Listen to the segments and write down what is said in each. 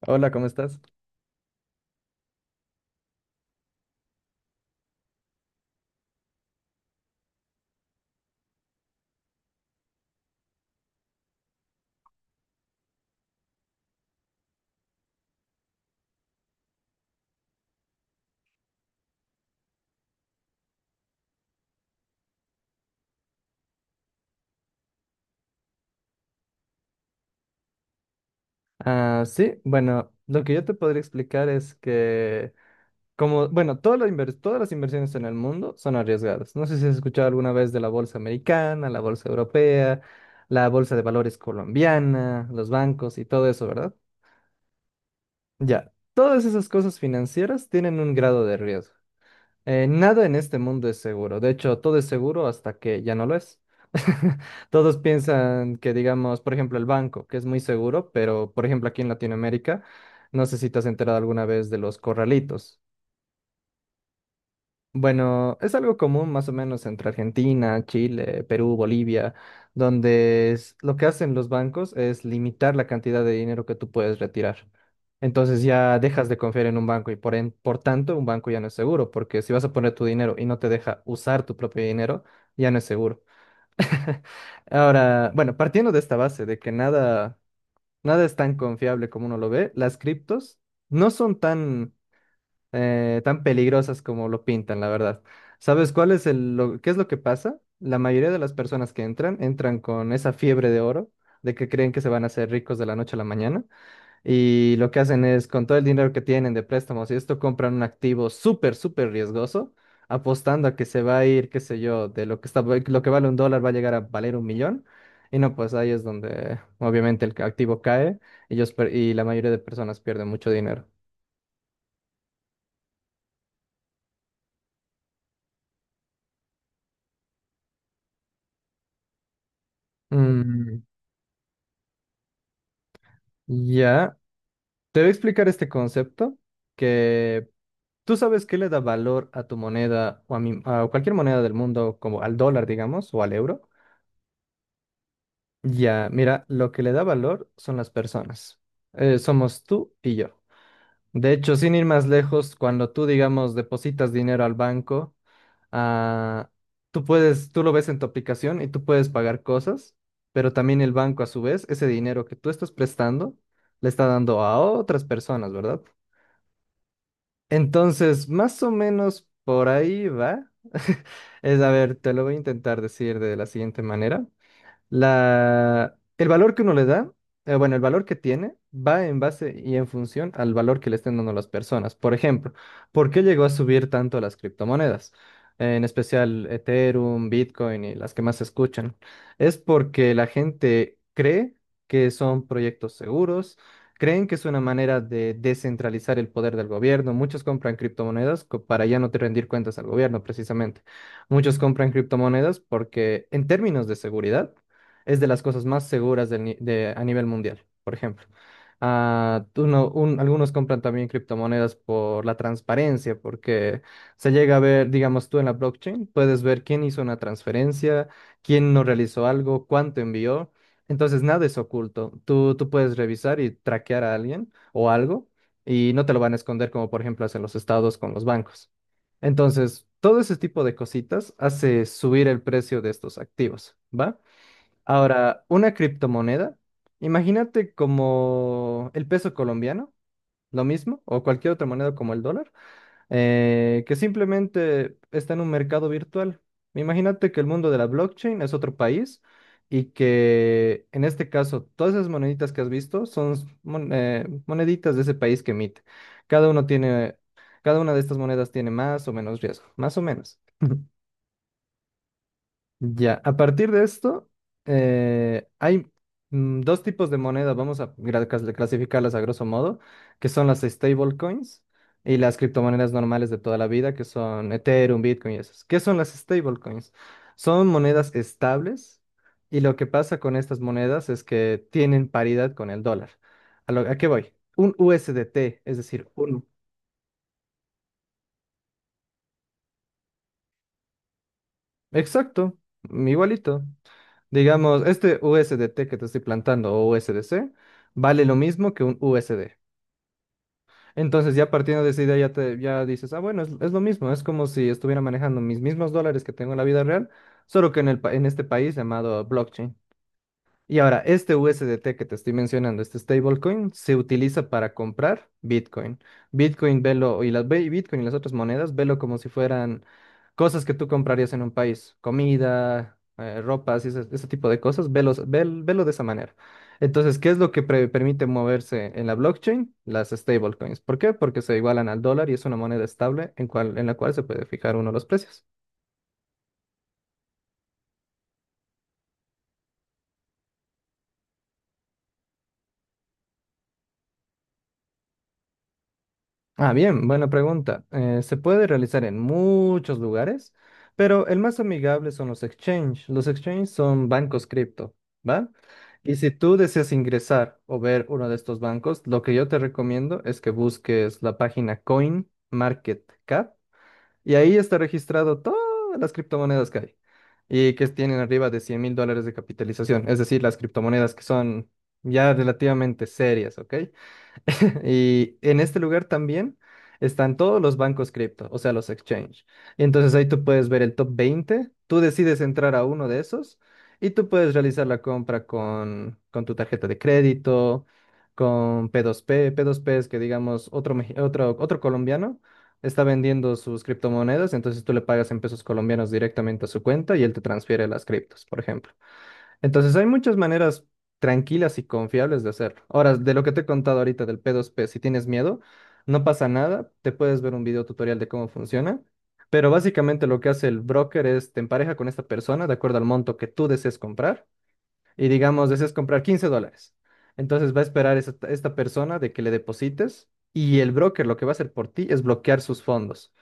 Hola, ¿cómo estás? Ah, sí, bueno, lo que yo te podría explicar es que, como, bueno, todas las inversiones en el mundo son arriesgadas. No sé si has escuchado alguna vez de la bolsa americana, la bolsa europea, la bolsa de valores colombiana, los bancos y todo eso, ¿verdad? Ya, todas esas cosas financieras tienen un grado de riesgo. Nada en este mundo es seguro. De hecho, todo es seguro hasta que ya no lo es. Todos piensan que, digamos, por ejemplo, el banco, que es muy seguro, pero, por ejemplo, aquí en Latinoamérica, no sé si te has enterado alguna vez de los corralitos. Bueno, es algo común más o menos entre Argentina, Chile, Perú, Bolivia, lo que hacen los bancos es limitar la cantidad de dinero que tú puedes retirar. Entonces ya dejas de confiar en un banco y por tanto un banco ya no es seguro, porque si vas a poner tu dinero y no te deja usar tu propio dinero, ya no es seguro. Ahora, bueno, partiendo de esta base de que nada es tan confiable como uno lo ve, las criptos no son tan peligrosas como lo pintan, la verdad. ¿Sabes cuál es el, lo- qué es lo que pasa? La mayoría de las personas que entran, entran con esa fiebre de oro, de que creen que se van a hacer ricos de la noche a la mañana, y lo que hacen es, con todo el dinero que tienen de préstamos y esto, compran un activo súper, súper riesgoso, apostando a que se va a ir, qué sé yo, de lo que está, lo que vale un dólar va a llegar a valer un millón. Y no, pues ahí es donde obviamente el activo cae, y la mayoría de personas pierden mucho dinero. Mm, ya. Te voy a explicar este concepto que tú sabes qué le da valor a tu moneda o a cualquier moneda del mundo, como al dólar, digamos, o al euro. Ya, mira, lo que le da valor son las personas. Somos tú y yo. De hecho, sin ir más lejos, cuando tú, digamos, depositas dinero al banco, ah, tú puedes, tú lo ves en tu aplicación y tú puedes pagar cosas, pero también el banco, a su vez, ese dinero que tú estás prestando, le está dando a otras personas, ¿verdad? Entonces, más o menos por ahí va. A ver, te lo voy a intentar decir de la siguiente manera. El valor que uno le da, bueno, el valor que tiene va en base y en función al valor que le estén dando las personas. Por ejemplo, ¿por qué llegó a subir tanto las criptomonedas? En especial Ethereum, Bitcoin y las que más se escuchan. Es porque la gente cree que son proyectos seguros, creen que es una manera de descentralizar el poder del gobierno. Muchos compran criptomonedas para ya no te rendir cuentas al gobierno, precisamente. Muchos compran criptomonedas porque en términos de seguridad es de las cosas más seguras del ni- de- a nivel mundial, por ejemplo. Ah, tú no- un- algunos compran también criptomonedas por la transparencia, porque se llega a ver, digamos tú en la blockchain, puedes ver quién hizo una transferencia, quién no realizó algo, cuánto envió. Entonces nada es oculto. Tú puedes revisar y traquear a alguien o algo y no te lo van a esconder como por ejemplo hacen los estados con los bancos. Entonces, todo ese tipo de cositas hace subir el precio de estos activos, ¿va? Ahora, una criptomoneda, imagínate como el peso colombiano, lo mismo, o cualquier otra moneda como el dólar, que simplemente está en un mercado virtual. Imagínate que el mundo de la blockchain es otro país y que en este caso todas esas moneditas que has visto son moneditas de ese país que emite. Cada uno tiene, cada una de estas monedas tiene más o menos riesgo, más o menos. Ya, a partir de esto, hay dos tipos de moneda, vamos a clasificarlas a grosso modo, que son las stablecoins y las criptomonedas normales de toda la vida, que son Ethereum, Bitcoin y esas. ¿Qué son las stablecoins? Son monedas estables y lo que pasa con estas monedas es que tienen paridad con el dólar. ¿A qué voy? Un USDT, es decir, uno. Exacto, igualito. Digamos, este USDT que te estoy plantando o USDC vale lo mismo que un USD. Entonces, ya partiendo de esa idea, ya, ya dices, bueno, es lo mismo, es como si estuviera manejando mis mismos dólares que tengo en la vida real, solo que en este país llamado blockchain. Y ahora, este USDT que te estoy mencionando, este stablecoin, se utiliza para comprar Bitcoin. Bitcoin, velo, y las ve- Bitcoin y las otras monedas, velo como si fueran cosas que tú comprarías en un país, comida, ropas y ese tipo de cosas, velo de esa manera. Entonces, ¿qué es lo que permite moverse en la blockchain? Las stablecoins. ¿Por qué? Porque se igualan al dólar y es una moneda estable en la cual se puede fijar uno los precios. Ah, bien, buena pregunta. Se puede realizar en muchos lugares, pero el más amigable son los exchange. Los exchange son bancos cripto, ¿va? Y si tú deseas ingresar o ver uno de estos bancos, lo que yo te recomiendo es que busques la página CoinMarketCap y ahí está registrado todas las criptomonedas que hay y que tienen arriba de $100.000 de capitalización, es decir, las criptomonedas que son ya relativamente serias, ¿ok? Y en este lugar también están todos los bancos cripto, o sea, los exchange. Entonces ahí tú puedes ver el top 20, tú decides entrar a uno de esos y tú puedes realizar la compra con tu tarjeta de crédito, con P2P. P2P es que, digamos, otro colombiano está vendiendo sus criptomonedas, entonces tú le pagas en pesos colombianos directamente a su cuenta y él te transfiere las criptos, por ejemplo. Entonces hay muchas maneras tranquilas y confiables de hacerlo. Ahora, de lo que te he contado ahorita del P2P, si tienes miedo, no pasa nada, te puedes ver un video tutorial de cómo funciona, pero básicamente lo que hace el broker es te empareja con esta persona de acuerdo al monto que tú desees comprar y digamos desees comprar $15. Entonces va a esperar esta persona de que le deposites y el broker lo que va a hacer por ti es bloquear sus fondos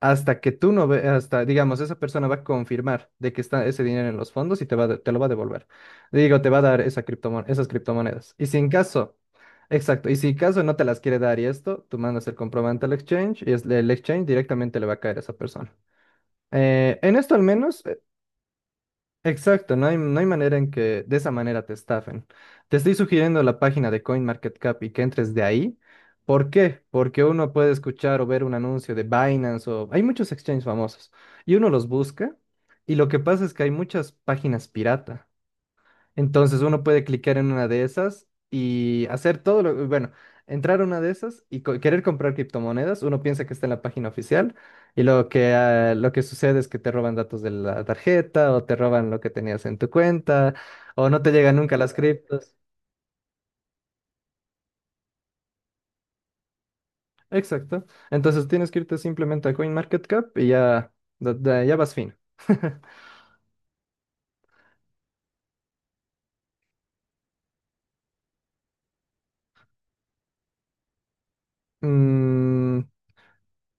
hasta que tú no ve, hasta, digamos, esa persona va a confirmar de que está ese dinero en los fondos y te lo va a devolver. Digo, te va a dar esas criptomonedas. Y si en caso, exacto, y si en caso no te las quiere dar y esto, tú mandas el comprobante al exchange y el exchange directamente le va a caer a esa persona. En esto al menos, exacto, no hay manera en que de esa manera te estafen. Te estoy sugiriendo la página de CoinMarketCap y que entres de ahí. ¿Por qué? Porque uno puede escuchar o ver un anuncio de Binance o hay muchos exchanges famosos y uno los busca y lo que pasa es que hay muchas páginas pirata. Entonces uno puede clicar en una de esas y hacer bueno, entrar a una de esas y querer comprar criptomonedas. Uno piensa que está en la página oficial y lo que sucede es que te roban datos de la tarjeta o te roban lo que tenías en tu cuenta o no te llegan nunca las criptos. Exacto. Entonces tienes que irte simplemente a CoinMarketCap y ya vas fino. Mm,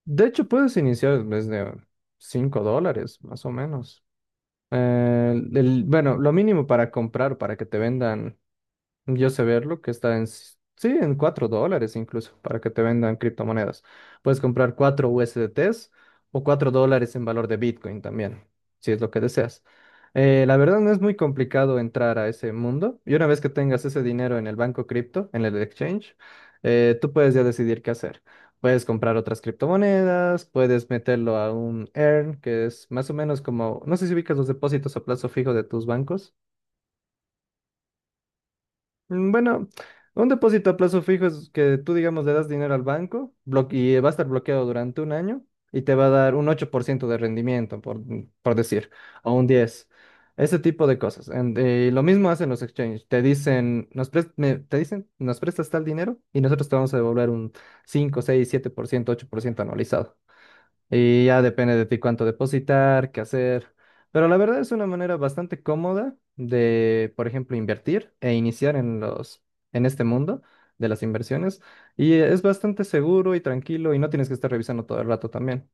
de hecho, puedes iniciar desde $5, más o menos. Bueno, lo mínimo para comprar, para que te vendan. Yo sé verlo, que está sí, en $4 incluso, para que te vendan criptomonedas. Puedes comprar 4 USDTs o $4 en valor de Bitcoin también, si es lo que deseas. La verdad no es muy complicado entrar a ese mundo. Y una vez que tengas ese dinero en el banco cripto, en el exchange, tú puedes ya decidir qué hacer. Puedes comprar otras criptomonedas, puedes meterlo a un earn, que es más o menos como, no sé si ubicas los depósitos a plazo fijo de tus bancos. Bueno, un depósito a plazo fijo es que tú, digamos, le das dinero al banco y va a estar bloqueado durante un año y te va a dar un 8% de rendimiento, por decir, o un 10%. Ese tipo de cosas. Y lo mismo hacen los exchanges. Te dicen, nos prestas tal dinero y nosotros te vamos a devolver un 5, 6, 7%, 8% anualizado. Y ya depende de ti cuánto depositar, qué hacer. Pero la verdad es una manera bastante cómoda de, por ejemplo, invertir e iniciar en este mundo de las inversiones. Y es bastante seguro y tranquilo y no tienes que estar revisando todo el rato también.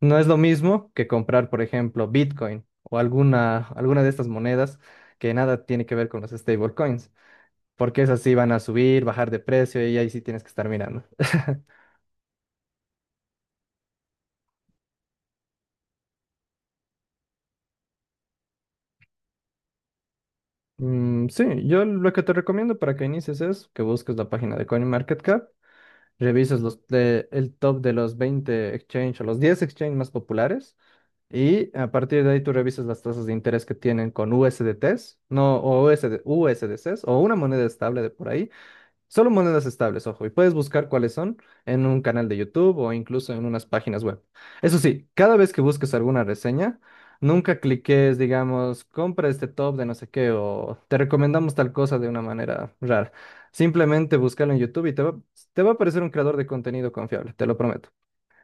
No es lo mismo que comprar, por ejemplo, Bitcoin o alguna de estas monedas que nada tiene que ver con los stablecoins, porque esas sí van a subir, bajar de precio y ahí sí tienes que estar mirando. Mm, sí, yo lo que te recomiendo para que inicies es que busques la página de CoinMarketCap, revises el top de los 20 exchange o los 10 exchange más populares y a partir de ahí tú revises las tasas de interés que tienen con USDTs, no, o USD, USDCs o una moneda estable de por ahí Solo monedas estables, ojo, y puedes buscar cuáles son en un canal de YouTube o incluso en unas páginas web. Eso sí, cada vez que busques alguna reseña, nunca cliques, digamos, compra este top de no sé qué o te recomendamos tal cosa de una manera rara. Simplemente búscalo en YouTube y te va a aparecer un creador de contenido confiable, te lo prometo.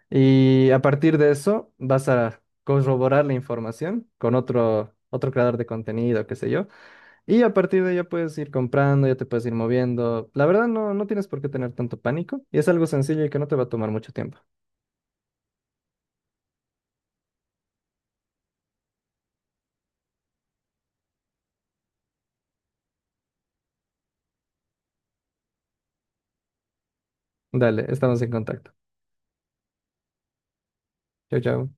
Y a partir de eso vas a corroborar la información con otro creador de contenido, qué sé yo. Y a partir de ahí ya puedes ir comprando, ya te puedes ir moviendo. La verdad no, no tienes por qué tener tanto pánico y es algo sencillo y que no te va a tomar mucho tiempo. Dale, estamos en contacto. Chau, chau.